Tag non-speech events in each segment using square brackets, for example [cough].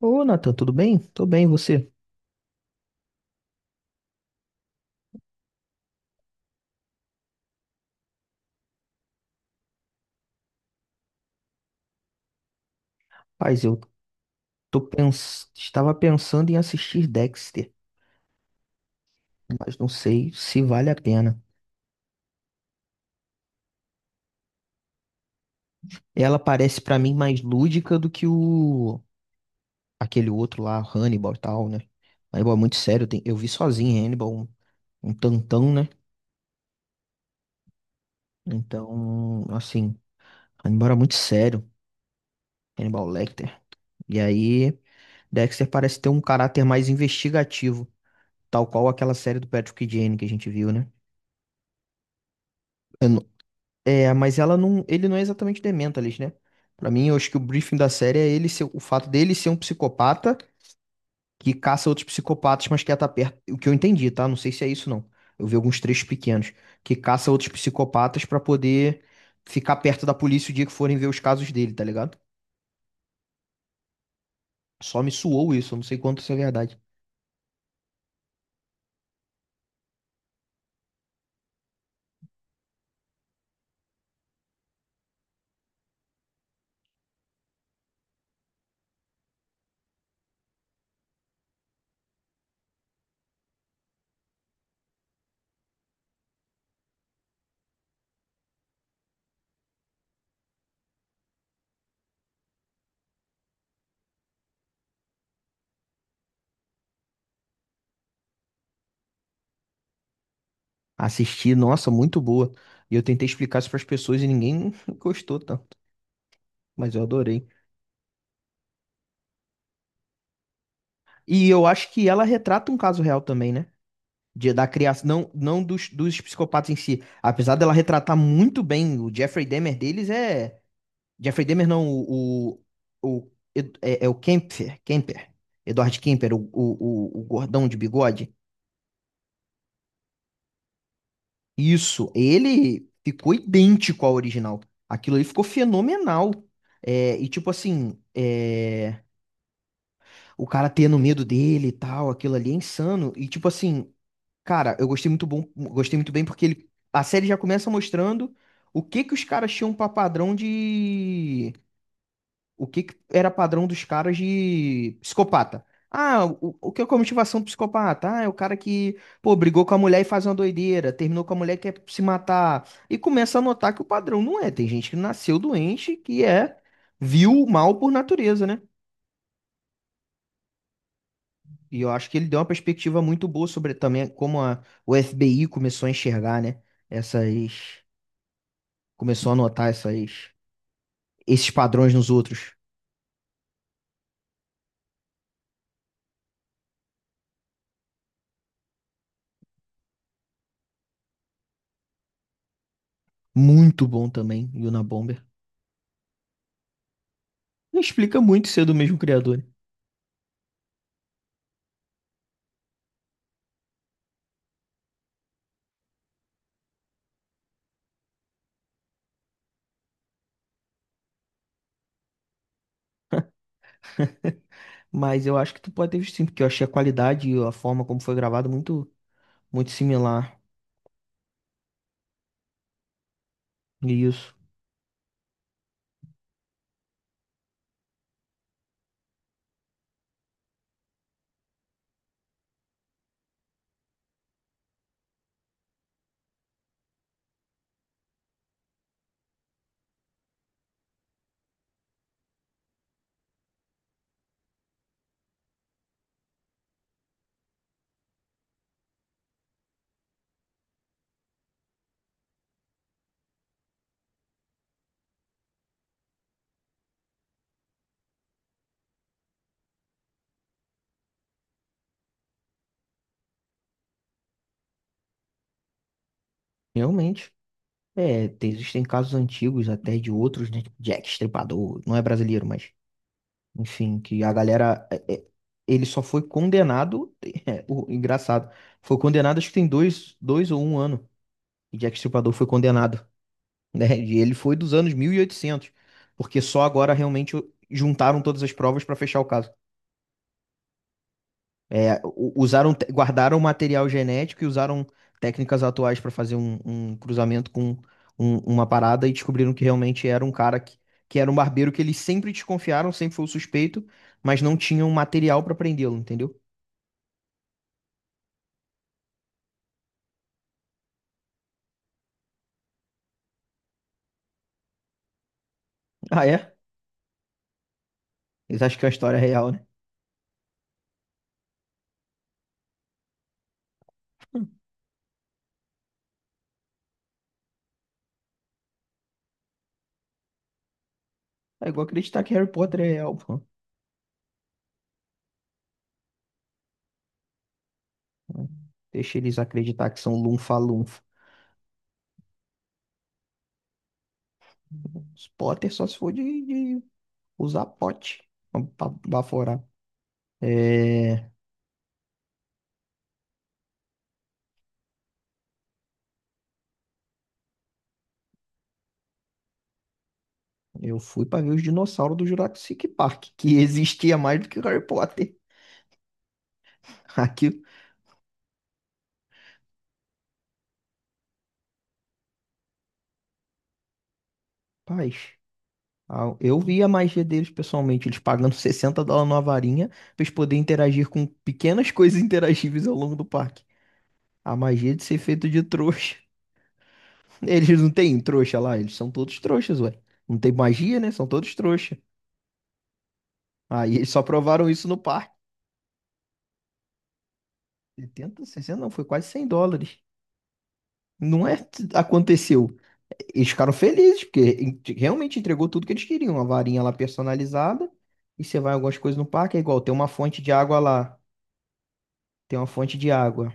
Ô, Nathan, tudo bem? Tô bem, e você? Paz, eu estava pensando em assistir Dexter, mas não sei se vale a pena. Ela parece pra mim mais lúdica do que o aquele outro lá, Hannibal e tal, né? Hannibal é muito sério, eu vi sozinho Hannibal, um tantão, né? Então, assim, Hannibal era muito sério, Hannibal Lecter. E aí, Dexter parece ter um caráter mais investigativo, tal qual aquela série do Patrick Jane que a gente viu, né? É, mas ela não, ele não é exatamente Dementalist, né? Pra mim, eu acho que o briefing da série é ele ser, o fato dele ser um psicopata que caça outros psicopatas, mas quer estar perto. O que eu entendi, tá? Não sei se é isso não. Eu vi alguns trechos pequenos que caça outros psicopatas pra poder ficar perto da polícia o dia que forem ver os casos dele, tá ligado? Só me suou isso, eu não sei quanto isso é verdade. Assisti, nossa, muito boa. E eu tentei explicar isso pras pessoas e ninguém [laughs] gostou, tá? Mas eu adorei. E eu acho que ela retrata um caso real também, né? Da criação, não, não dos psicopatas em si. Apesar dela retratar muito bem o Jeffrey Dahmer deles, é. Jeffrey Dahmer não, o é o Kemper, Edward Kemper, o gordão de bigode. Isso, ele ficou idêntico ao original. Aquilo ali ficou fenomenal. É, e tipo assim, é, o cara tendo medo dele e tal, aquilo ali é insano. E tipo assim, cara, eu gostei muito bom, gostei muito bem porque ele, a série já começa mostrando o que que os caras tinham pra padrão de, o que que era padrão dos caras de psicopata. Ah, o que é a motivação do psicopata? Ah, é o cara que, pô, brigou com a mulher e faz uma doideira, terminou com a mulher e quer se matar. E começa a notar que o padrão não é. Tem gente que nasceu doente, que é, viu o mal por natureza, né? E eu acho que ele deu uma perspectiva muito boa sobre também como a, o FBI começou a enxergar, né? Essas Começou a notar essas, esses padrões nos outros. Muito bom também, Unabomber. Não explica muito ser do mesmo criador, né? Mas eu acho que tu pode ter visto sim, porque eu achei a qualidade e a forma como foi gravado muito, muito similar. E isso, realmente. É, existem casos antigos até de outros, né? Tipo Jack Estripador, não é brasileiro, mas enfim, que a galera. Ele só foi condenado. [laughs] É, o, engraçado. Foi condenado, acho que tem dois, dois ou um ano. E Jack Estripador foi condenado, né? E ele foi dos anos 1800, porque só agora realmente juntaram todas as provas para fechar o caso. É, guardaram material genético e usaram técnicas atuais para fazer um cruzamento com uma parada e descobriram que realmente era um cara que era um barbeiro que eles sempre desconfiaram, sempre foi o suspeito, mas não tinham material para prendê-lo, entendeu? Ah, é? Eles acham que é uma história real, né? É igual acreditar que Harry Potter é real, pô. Deixa eles acreditar que são lunfa-lunfa. Os Potter só se for de usar pote para baforar. É, eu fui para ver os dinossauros do Jurassic Park, que existia mais do que o Harry Potter. [laughs] Aqui, paz. Eu vi a magia deles pessoalmente, eles pagando 60 dólares numa varinha para eles poderem interagir com pequenas coisas interagíveis ao longo do parque. A magia de ser feito de trouxa. [laughs] Eles não têm trouxa lá, eles são todos trouxas, ué. Não tem magia, né? São todos trouxa. Aí eles só provaram isso no parque. Setenta 60 não, foi quase 100 dólares. Não é aconteceu. Eles ficaram felizes, porque realmente entregou tudo que eles queriam. Uma varinha lá personalizada. E você vai algumas coisas no parque, é igual, tem uma fonte de água lá. Tem uma fonte de água.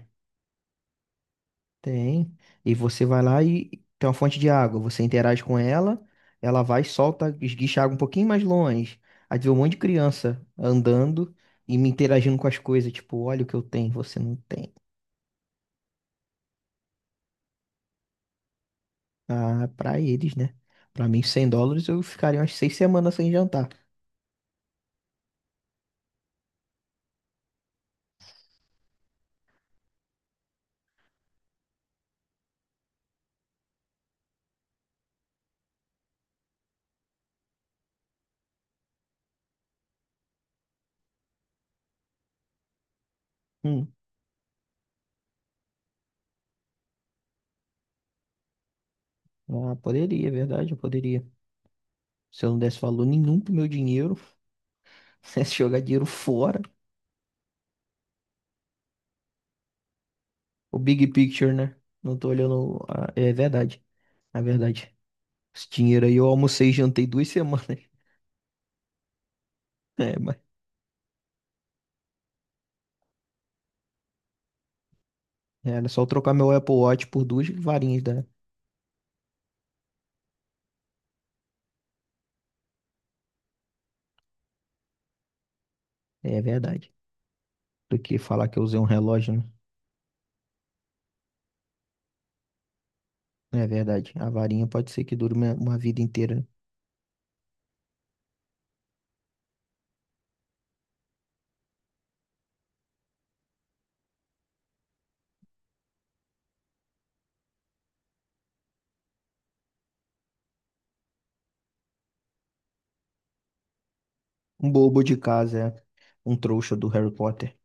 Tem. E você vai lá e tem uma fonte de água. Você interage com ela, ela vai, e solta, esguicha a água um pouquinho mais longe. Aí vê um monte de criança andando e me interagindo com as coisas. Tipo, olha o que eu tenho, você não tem. Ah, pra eles, né? Pra mim, 100 dólares eu ficaria umas 6 semanas sem jantar. Hum. Ah, poderia, é verdade, eu poderia. Se eu não desse valor nenhum pro meu dinheiro, [laughs] se jogar dinheiro fora, o big picture, né? Não tô olhando. É verdade, é verdade. Esse dinheiro aí eu almocei e jantei 2 semanas. [laughs] É, mas era só eu trocar meu Apple Watch por duas varinhas da. É verdade. Do que falar que eu usei um relógio, né? É verdade. A varinha pode ser que dure uma vida inteira, né? Um bobo de casa, é. Um trouxa do Harry Potter.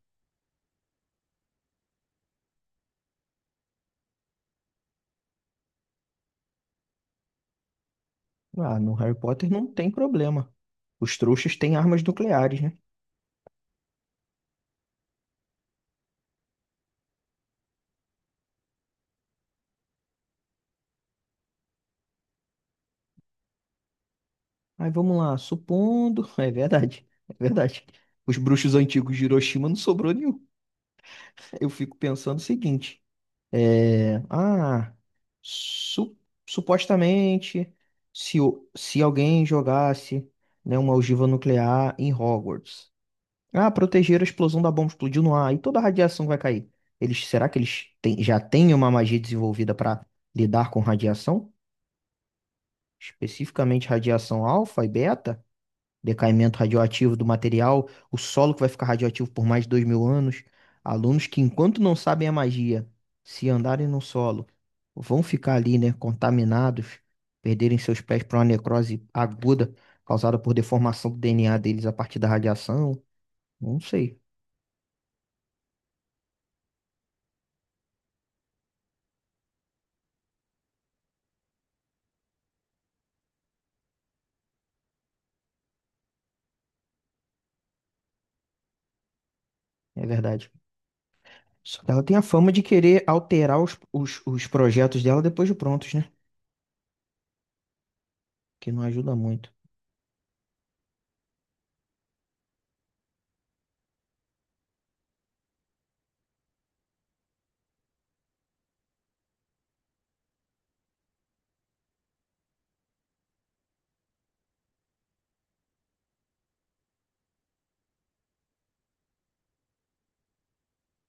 Ah, no Harry Potter não tem problema. Os trouxas têm armas nucleares, né? Aí vamos lá, supondo. [laughs] É verdade, é verdade. Os bruxos antigos de Hiroshima não sobrou nenhum. Eu fico pensando o seguinte: é, ah, su- supostamente, se alguém jogasse, né, uma ogiva nuclear em Hogwarts, ah, proteger a explosão da bomba explodiu no ar e toda a radiação vai cair. Eles, será que eles já têm uma magia desenvolvida para lidar com radiação? Especificamente radiação alfa e beta? Decaimento radioativo do material, o solo que vai ficar radioativo por mais de 2000 anos. Alunos que, enquanto não sabem a magia, se andarem no solo, vão ficar ali, né, contaminados, perderem seus pés para uma necrose aguda causada por deformação do DNA deles a partir da radiação. Não sei, é verdade. Só que ela tem a fama de querer alterar os projetos dela depois de prontos, né? Que não ajuda muito.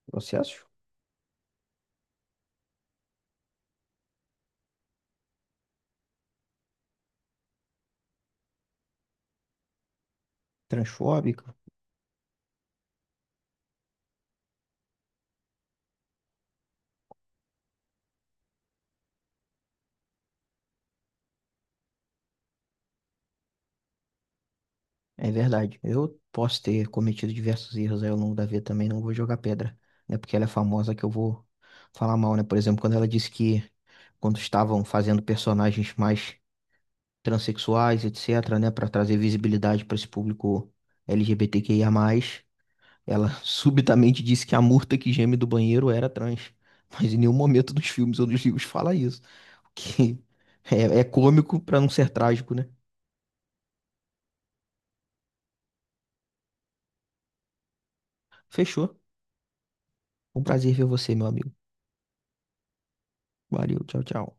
Processos transfóbicos. É verdade. Eu posso ter cometido diversos erros aí ao longo da vida também, não vou jogar pedra. Não é porque ela é famosa que eu vou falar mal, né? Por exemplo, quando ela disse que quando estavam fazendo personagens mais transexuais, etc., né, para trazer visibilidade para esse público LGBTQIA+, ela [laughs] subitamente disse que a murta que geme do banheiro era trans. Mas em nenhum momento dos filmes ou dos livros fala isso. O que [laughs] é cômico para não ser trágico, né? Fechou. Um prazer ver você, meu amigo. Valeu, tchau, tchau.